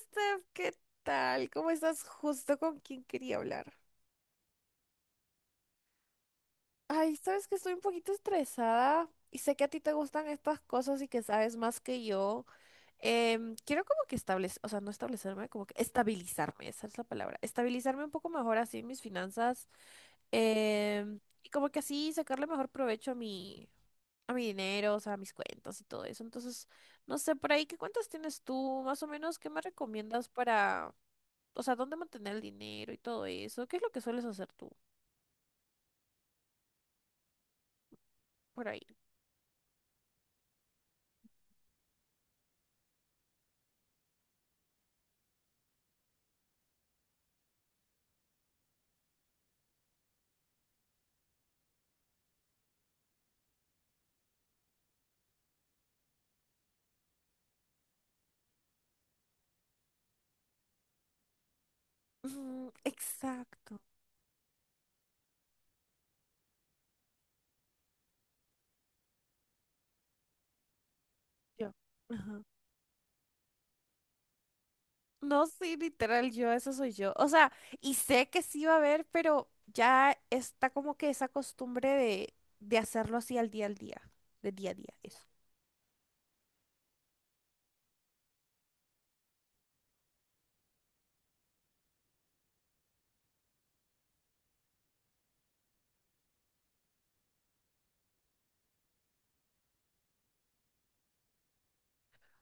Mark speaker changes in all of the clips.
Speaker 1: Steph, ¿qué tal? ¿Cómo estás? Justo con quien quería hablar. Ay, sabes que estoy un poquito estresada y sé que a ti te gustan estas cosas y que sabes más que yo. Quiero como que establecer, o sea, no establecerme, como que estabilizarme, esa es la palabra. Estabilizarme un poco mejor así en mis finanzas y como que así sacarle mejor provecho a a mi dinero, o sea, a mis cuentas y todo eso. Entonces, no sé, por ahí, ¿qué cuentas tienes tú? Más o menos, ¿qué me recomiendas para... o sea, dónde mantener el dinero y todo eso? ¿Qué es lo que sueles hacer tú por ahí? Mm, exacto. Yo. Ajá. No, sí, literal, yo, eso soy yo. O sea, y sé que sí va a haber, pero ya está como que esa costumbre de hacerlo así al día, de día a día, eso.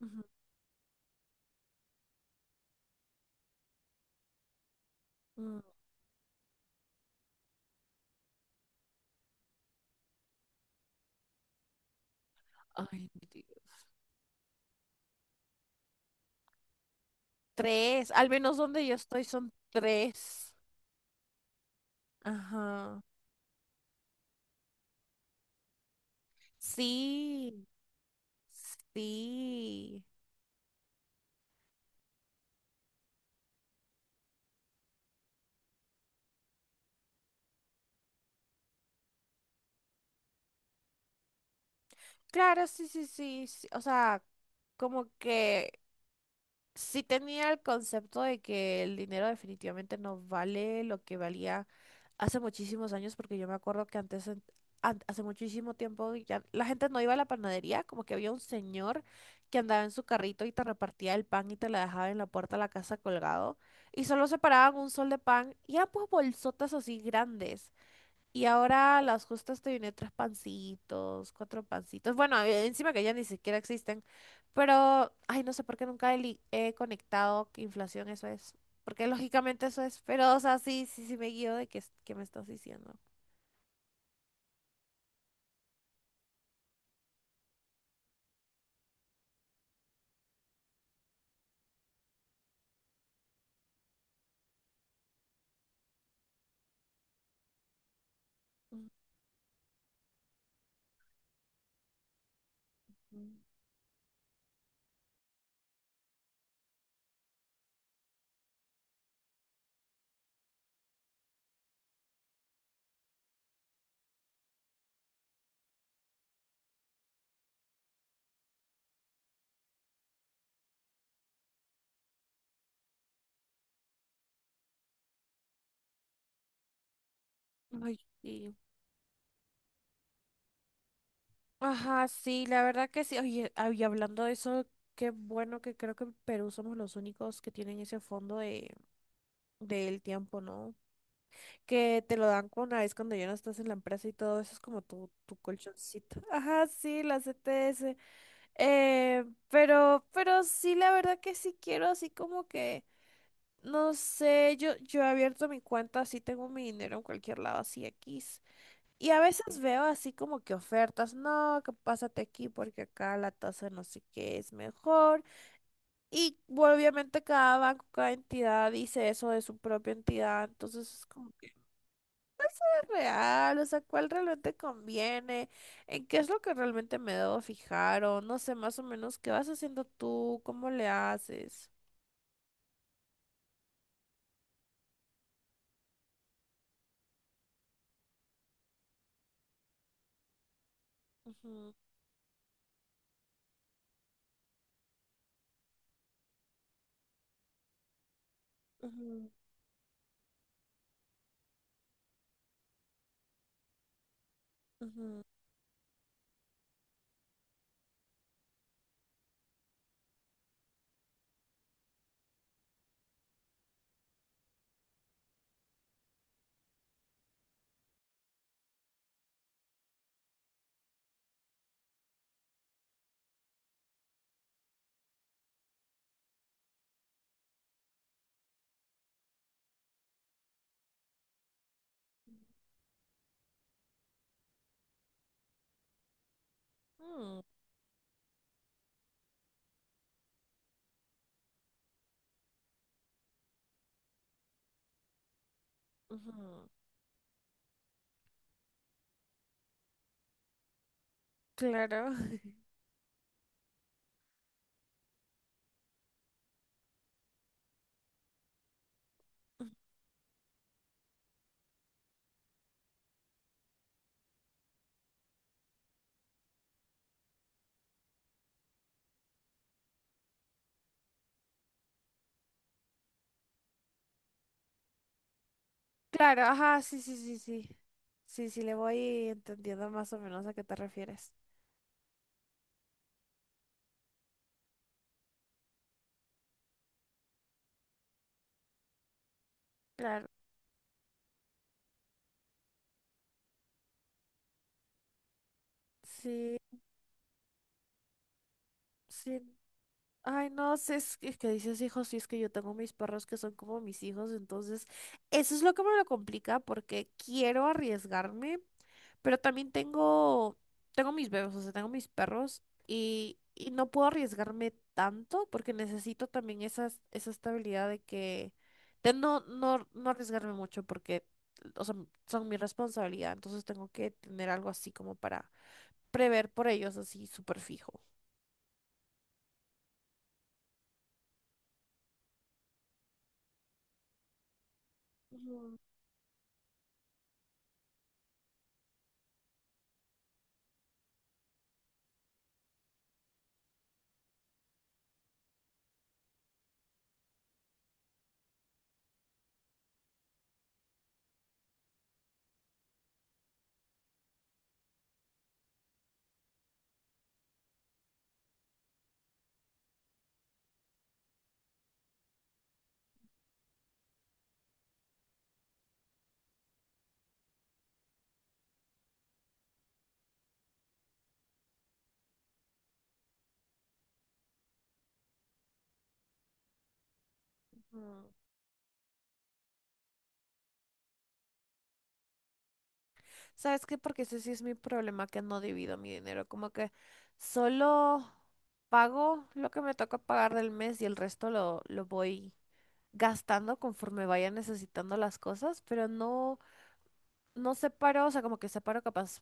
Speaker 1: Ujú. Mm, ay, mi Dios. Tres, al menos donde yo estoy son tres. Ajá. Sí, sí. Claro, sí, sí, sí, sí. O sea, como que sí tenía el concepto de que el dinero definitivamente no vale lo que valía hace muchísimos años, porque yo me acuerdo que antes, hace muchísimo tiempo, ya la gente no iba a la panadería, como que había un señor que andaba en su carrito y te repartía el pan y te la dejaba en la puerta de la casa colgado, y solo separaban un sol de pan y eran pues bolsotas así grandes. Y ahora a las justas te viene tres pancitos, cuatro pancitos. Bueno, encima que ya ni siquiera existen. Pero, ay, no sé por qué nunca he conectado que inflación eso es. Porque lógicamente eso es. Pero, o sea, sí, sí, sí me guío de qué, qué me estás diciendo. Ujú. Ay, sí. Ajá, sí, la verdad que sí. Oye, y hablando de eso, qué bueno que creo que en Perú somos los únicos que tienen ese fondo de, del tiempo, ¿no? Que te lo dan con una vez cuando ya no estás en la empresa y todo eso es como tu colchoncito. Ajá, sí, las ETS. Pero sí, la verdad que sí quiero así como que, no sé, yo he abierto mi cuenta, así tengo mi dinero en cualquier lado, así X. Y a veces veo así como que ofertas, no, que pásate aquí porque acá la tasa no sé qué es mejor. Y bueno, obviamente cada banco, cada entidad dice eso de su propia entidad, entonces es como... real, o sea, cuál realmente conviene, en qué es lo que realmente me debo fijar o no sé, más o menos qué vas haciendo tú, cómo le haces. Ujú, ujú, ujú, mm, ujú. Claro. Claro, ajá, sí, sí, sí, sí. Sí, sí, le voy entendiendo más o menos a qué te refieres. Claro, sí, sí. Ay, no sé es que dices hijos, sí es que yo tengo mis perros que son como mis hijos, entonces eso es lo que me lo complica porque quiero arriesgarme, pero también tengo mis bebés, o sea, tengo mis perros y no puedo arriesgarme tanto porque necesito también esa estabilidad de no, no, no arriesgarme mucho porque, o sea, son mi responsabilidad, entonces tengo que tener algo así como para prever por ellos así súper fijo. Ujú, ujú. ¿Sabes qué? Porque ese sí es mi problema, que no divido mi dinero. Como que solo pago lo que me toca pagar del mes y el resto lo voy gastando conforme vaya necesitando las cosas, pero no, no separo, o sea, como que separo capaz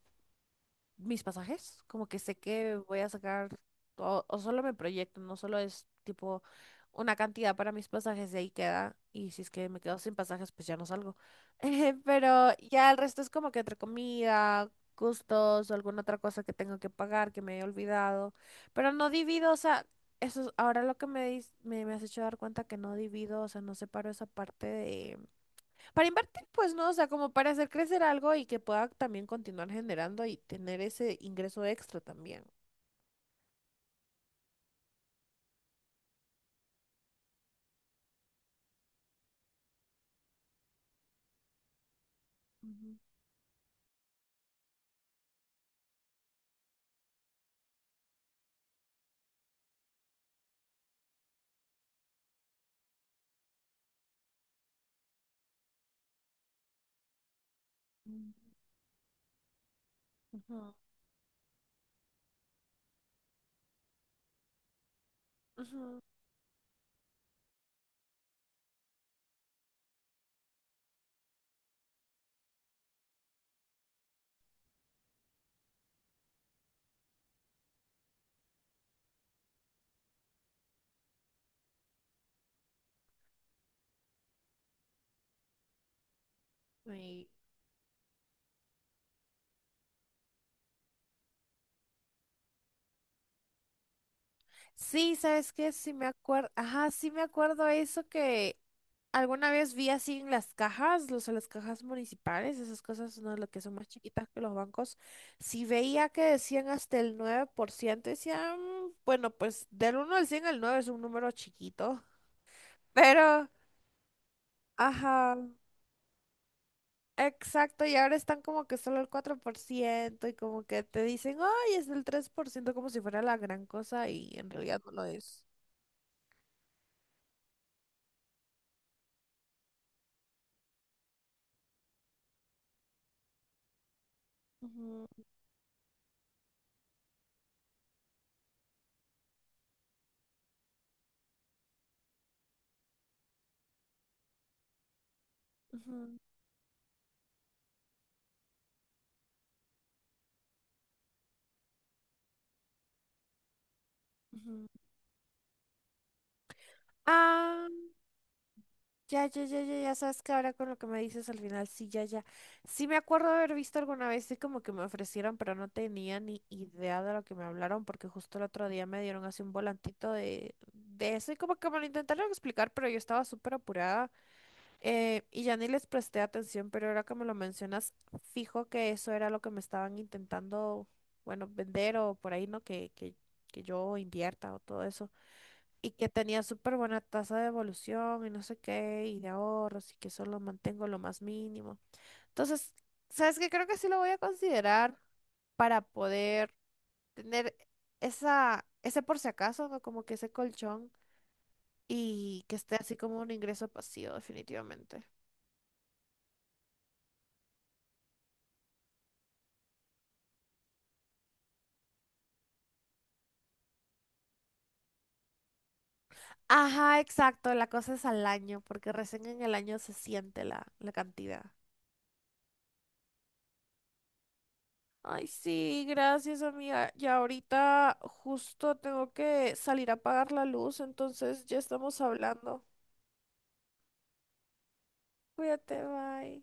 Speaker 1: mis pasajes, como que sé que voy a sacar, o solo me proyecto, no solo es tipo una cantidad para mis pasajes y ahí queda, y si es que me quedo sin pasajes, pues ya no salgo. Pero ya el resto es como que entre comida, gustos, o alguna otra cosa que tengo que pagar que me he olvidado, pero no divido, o sea, eso es ahora lo que me has hecho dar cuenta que no divido, o sea, no separo esa parte para invertir, pues no, o sea, como para hacer crecer algo y que pueda también continuar generando y tener ese ingreso extra también. Ujú, ujú, ujú. Y- Sí, ¿sabes qué? Sí me acuerdo, ajá, sí me acuerdo eso que alguna vez vi así en las cajas, las cajas municipales, esas cosas, ¿no? Lo que son más chiquitas que los bancos, sí veía que decían hasta el 9% decían, bueno, pues del 1 al 100 el 9 es un número chiquito, pero, ajá. Exacto, y ahora están como que solo el 4% y como que te dicen, ay, es del 3% como si fuera la gran cosa y en realidad no lo es. Ujú, ujú, ujú. Ah, ya, ya, ya, ya, ya sabes que ahora con lo que me dices al final, sí, ya, ya. Sí me acuerdo de haber visto alguna vez, y como que me ofrecieron, pero no tenía ni idea de lo que me hablaron, porque justo el otro día me dieron así un volantito de eso y como que me lo intentaron explicar, pero yo estaba súper apurada. Y ya ni les presté atención, pero ahora que me lo mencionas, fijo que eso era lo que me estaban intentando, bueno, vender o por ahí, ¿no? Que yo invierta o todo eso. Y que tenía súper buena tasa de evolución y no sé qué, y de ahorros, y que solo mantengo lo más mínimo. Entonces, ¿sabes qué? Creo que sí lo voy a considerar para poder tener ese por si acaso, ¿no? Como que ese colchón y que esté así como un ingreso pasivo, definitivamente. Ajá, exacto, la cosa es al año, porque recién en el año se siente la cantidad. Ay, sí, gracias, amiga. Ya ahorita justo tengo que salir a pagar la luz, entonces ya estamos hablando. Cuídate, bye.